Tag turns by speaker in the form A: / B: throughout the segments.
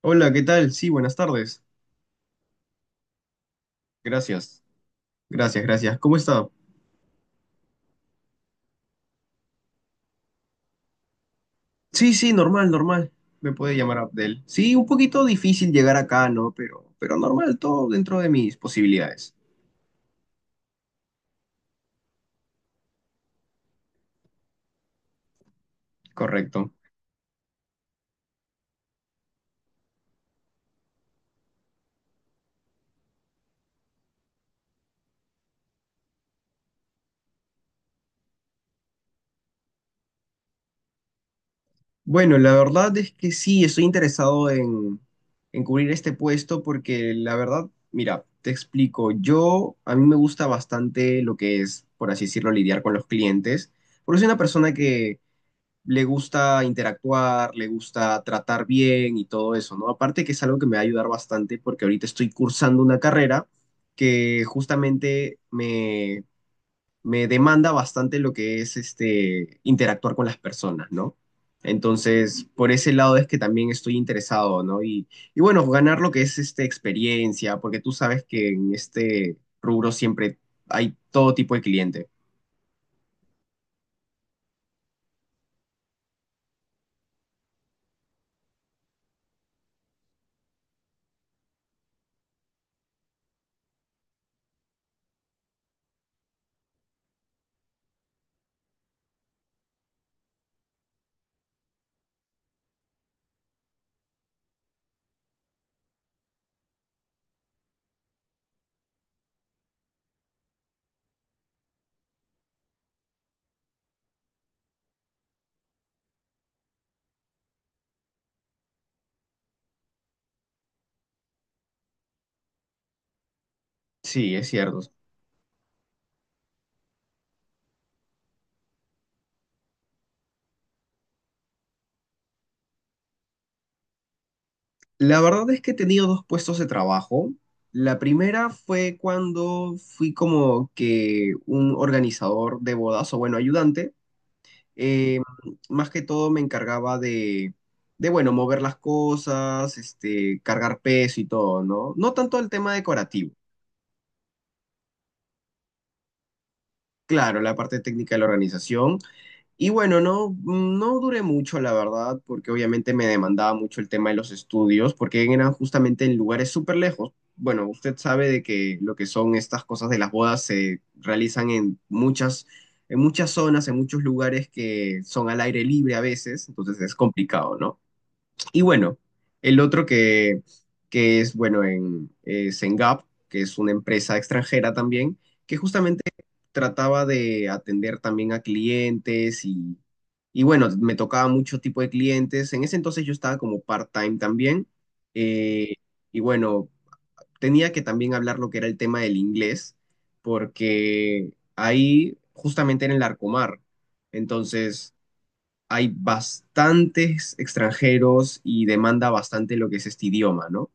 A: Hola, ¿qué tal? Sí, buenas tardes. Gracias, gracias, gracias. ¿Cómo está? Sí, sí, normal, normal. Me puede llamar Abdel. Sí, un poquito difícil llegar acá, ¿no? Pero normal, todo dentro de mis posibilidades. Correcto. Bueno, la verdad es que sí, estoy interesado en cubrir este puesto porque la verdad, mira, te explico. Yo, a mí me gusta bastante lo que es, por así decirlo, lidiar con los clientes. Porque soy una persona le gusta interactuar, le gusta tratar bien y todo eso, ¿no? Aparte que es algo que me va a ayudar bastante porque ahorita estoy cursando una carrera que justamente me demanda bastante lo que es este, interactuar con las personas, ¿no? Entonces, por ese lado es que también estoy interesado, ¿no? Y bueno, ganar lo que es este, experiencia, porque tú sabes que en este rubro siempre hay todo tipo de cliente. Sí, es cierto. La verdad es que he tenido dos puestos de trabajo. La primera fue cuando fui como que un organizador de bodas, o bueno, ayudante. Eh, más que todo me encargaba de, bueno, mover las cosas, este, cargar peso y todo, ¿no? No tanto el tema decorativo. Claro, la parte técnica de la organización. Y bueno, no, no duré mucho, la verdad, porque obviamente me demandaba mucho el tema de los estudios, porque eran justamente en lugares súper lejos. Bueno, usted sabe de que lo que son estas cosas de las bodas se realizan en muchas zonas, en muchos lugares que son al aire libre a veces, entonces es complicado, ¿no? Y bueno, el otro que es, bueno, en, es en Gap, que es una empresa extranjera también, que justamente trataba de atender también a clientes y bueno, me tocaba mucho tipo de clientes. En ese entonces yo estaba como part-time también. eh, y bueno, tenía que también hablar lo que era el tema del inglés, porque ahí justamente era en el Arcomar. Entonces hay bastantes extranjeros y demanda bastante lo que es este idioma, ¿no?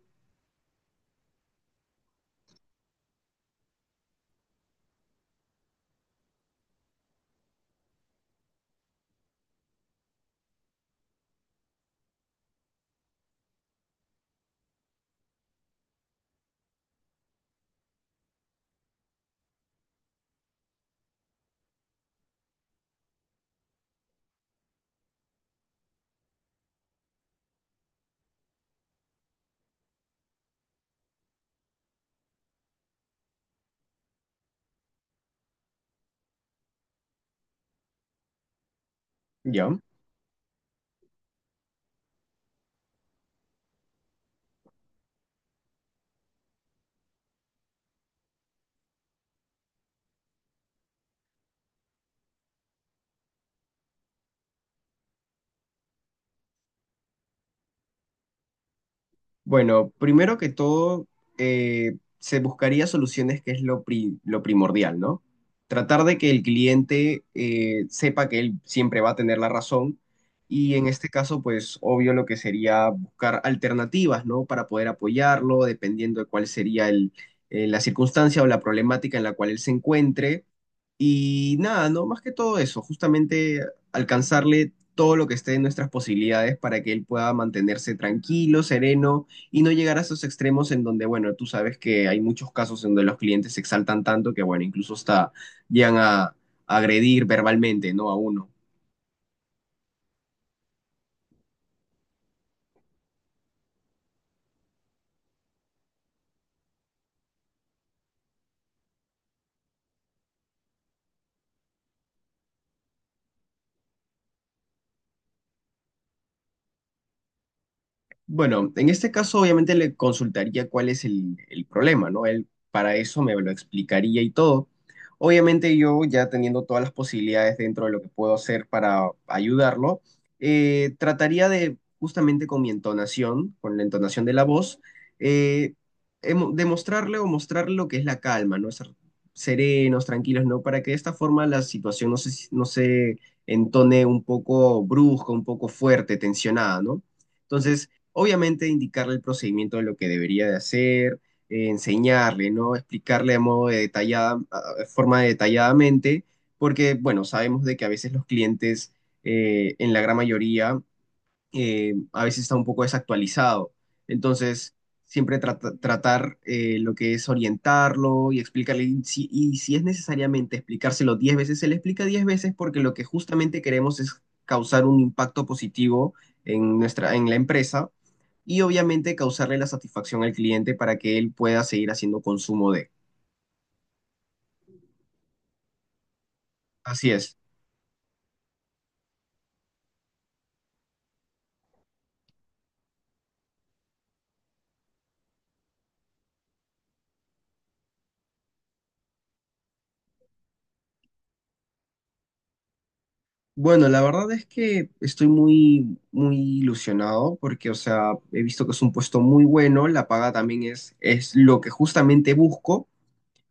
A: Ya. Bueno, primero que todo, se buscaría soluciones que es lo, lo primordial, ¿no? Tratar de que el cliente sepa que él siempre va a tener la razón y en este caso, pues obvio lo que sería buscar alternativas, ¿no? Para poder apoyarlo, dependiendo de cuál sería la circunstancia o la problemática en la cual él se encuentre. Y nada, ¿no? Más que todo eso, justamente alcanzarle todo lo que esté en nuestras posibilidades para que él pueda mantenerse tranquilo, sereno y no llegar a esos extremos en donde, bueno, tú sabes que hay muchos casos en donde los clientes se exaltan tanto que, bueno, incluso hasta llegan a agredir verbalmente, ¿no? A uno. Bueno, en este caso obviamente le consultaría cuál es el problema, ¿no? Él para eso me lo explicaría y todo. Obviamente yo ya teniendo todas las posibilidades dentro de lo que puedo hacer para ayudarlo, trataría de, justamente con mi entonación, con la entonación de la voz, eh, demostrarle o mostrarle lo que es la calma, ¿no? Ser serenos, tranquilos, ¿no? Para que de esta forma la situación no se entone un poco brusca, un poco fuerte, tensionada, ¿no? Entonces... Obviamente indicarle el procedimiento de lo que debería de hacer, enseñarle, ¿no? Explicarle de modo de detallada, de forma detalladamente, porque, bueno, sabemos de que a veces los clientes, en la gran mayoría, a veces está un poco desactualizado. Entonces, siempre tratar lo que es orientarlo y explicarle, y si es necesariamente explicárselo 10 veces, se le explica 10 veces porque lo que justamente queremos es causar un impacto positivo en nuestra, en la empresa y obviamente causarle la satisfacción al cliente para que él pueda seguir haciendo consumo de. Así es. Bueno, la verdad es que estoy muy, muy ilusionado porque, o sea, he visto que es un puesto muy bueno, la paga también es lo que justamente busco.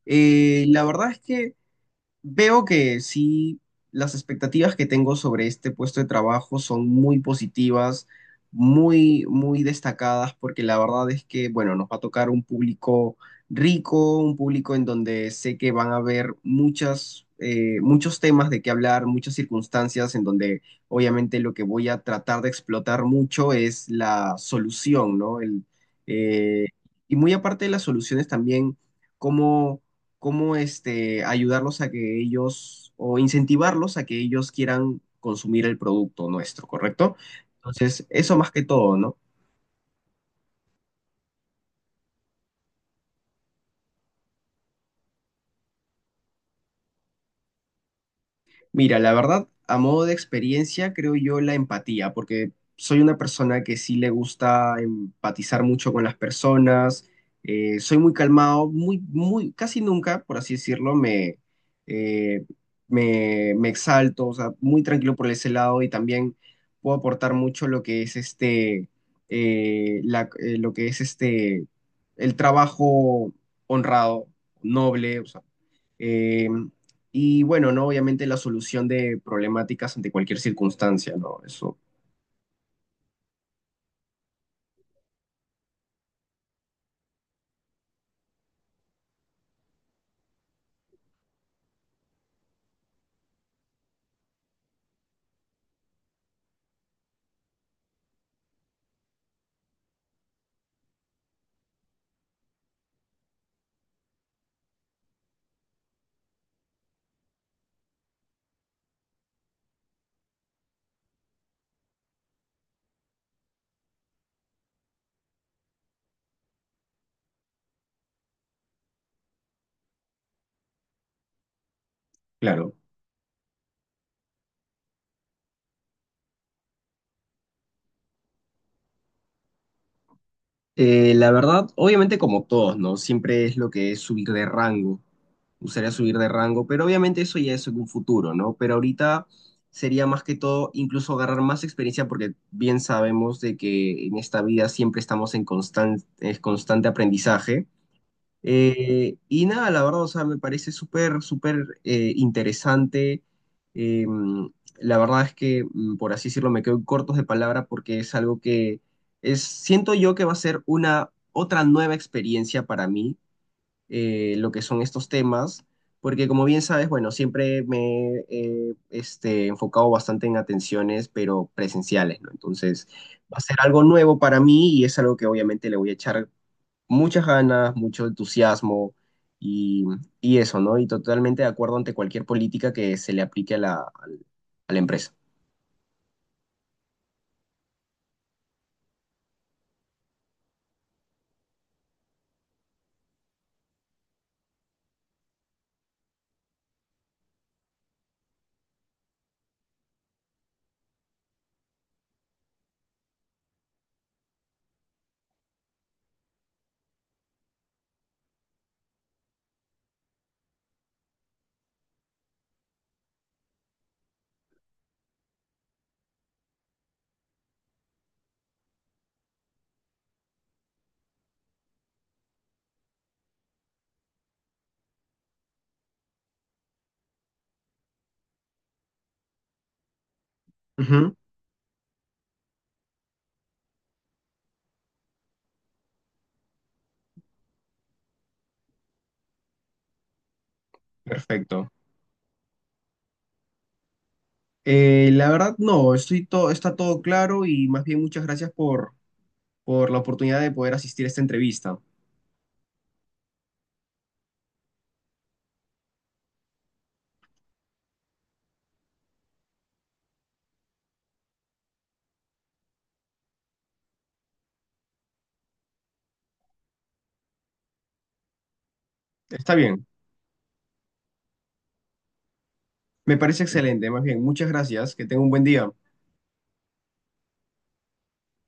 A: La verdad es que veo que sí, las expectativas que tengo sobre este puesto de trabajo son muy positivas, muy, muy destacadas, porque la verdad es que, bueno, nos va a tocar un público rico, un público en donde sé que van a haber muchas, muchos temas de qué hablar, muchas circunstancias, en donde obviamente lo que voy a tratar de explotar mucho es la solución, ¿no? Eh, y muy aparte de las soluciones también, cómo cómo este, ayudarlos a que ellos o incentivarlos a que ellos quieran consumir el producto nuestro, ¿correcto? Entonces, eso más que todo, ¿no? Mira, la verdad, a modo de experiencia, creo yo la empatía, porque soy una persona que sí le gusta empatizar mucho con las personas, soy muy calmado, muy, muy, casi nunca, por así decirlo, eh, me exalto, o sea, muy tranquilo por ese lado y también puedo aportar mucho lo que es este, lo que es este, el trabajo honrado, noble, o sea. em, y bueno, ¿no? Obviamente la solución de problemáticas ante cualquier circunstancia, ¿no? Eso, claro. La verdad, obviamente como todos, ¿no? Siempre es lo que es subir de rango. Gustaría subir de rango, pero obviamente eso ya es en un futuro, ¿no? Pero ahorita sería más que todo incluso agarrar más experiencia porque bien sabemos de que en esta vida siempre estamos en en constante aprendizaje. Y nada, la verdad, o sea, me parece súper, súper interesante. Eh, la verdad es que, por así decirlo, me quedo cortos de palabra porque es algo que es, siento yo que va a ser una otra nueva experiencia para mí, lo que son estos temas, porque como bien sabes, bueno, siempre me he este, enfocado bastante en atenciones, pero presenciales, ¿no? Entonces, va a ser algo nuevo para mí y es algo que obviamente le voy a echar muchas ganas, mucho entusiasmo y, y eso, ¿no? Y totalmente de acuerdo ante cualquier política que se le aplique a la empresa. Ujú, perfecto. La verdad, no, estoy todo, está todo claro y más bien muchas gracias por la oportunidad de poder asistir a esta entrevista. Está bien, me parece excelente, más bien, muchas gracias, que tenga un buen día.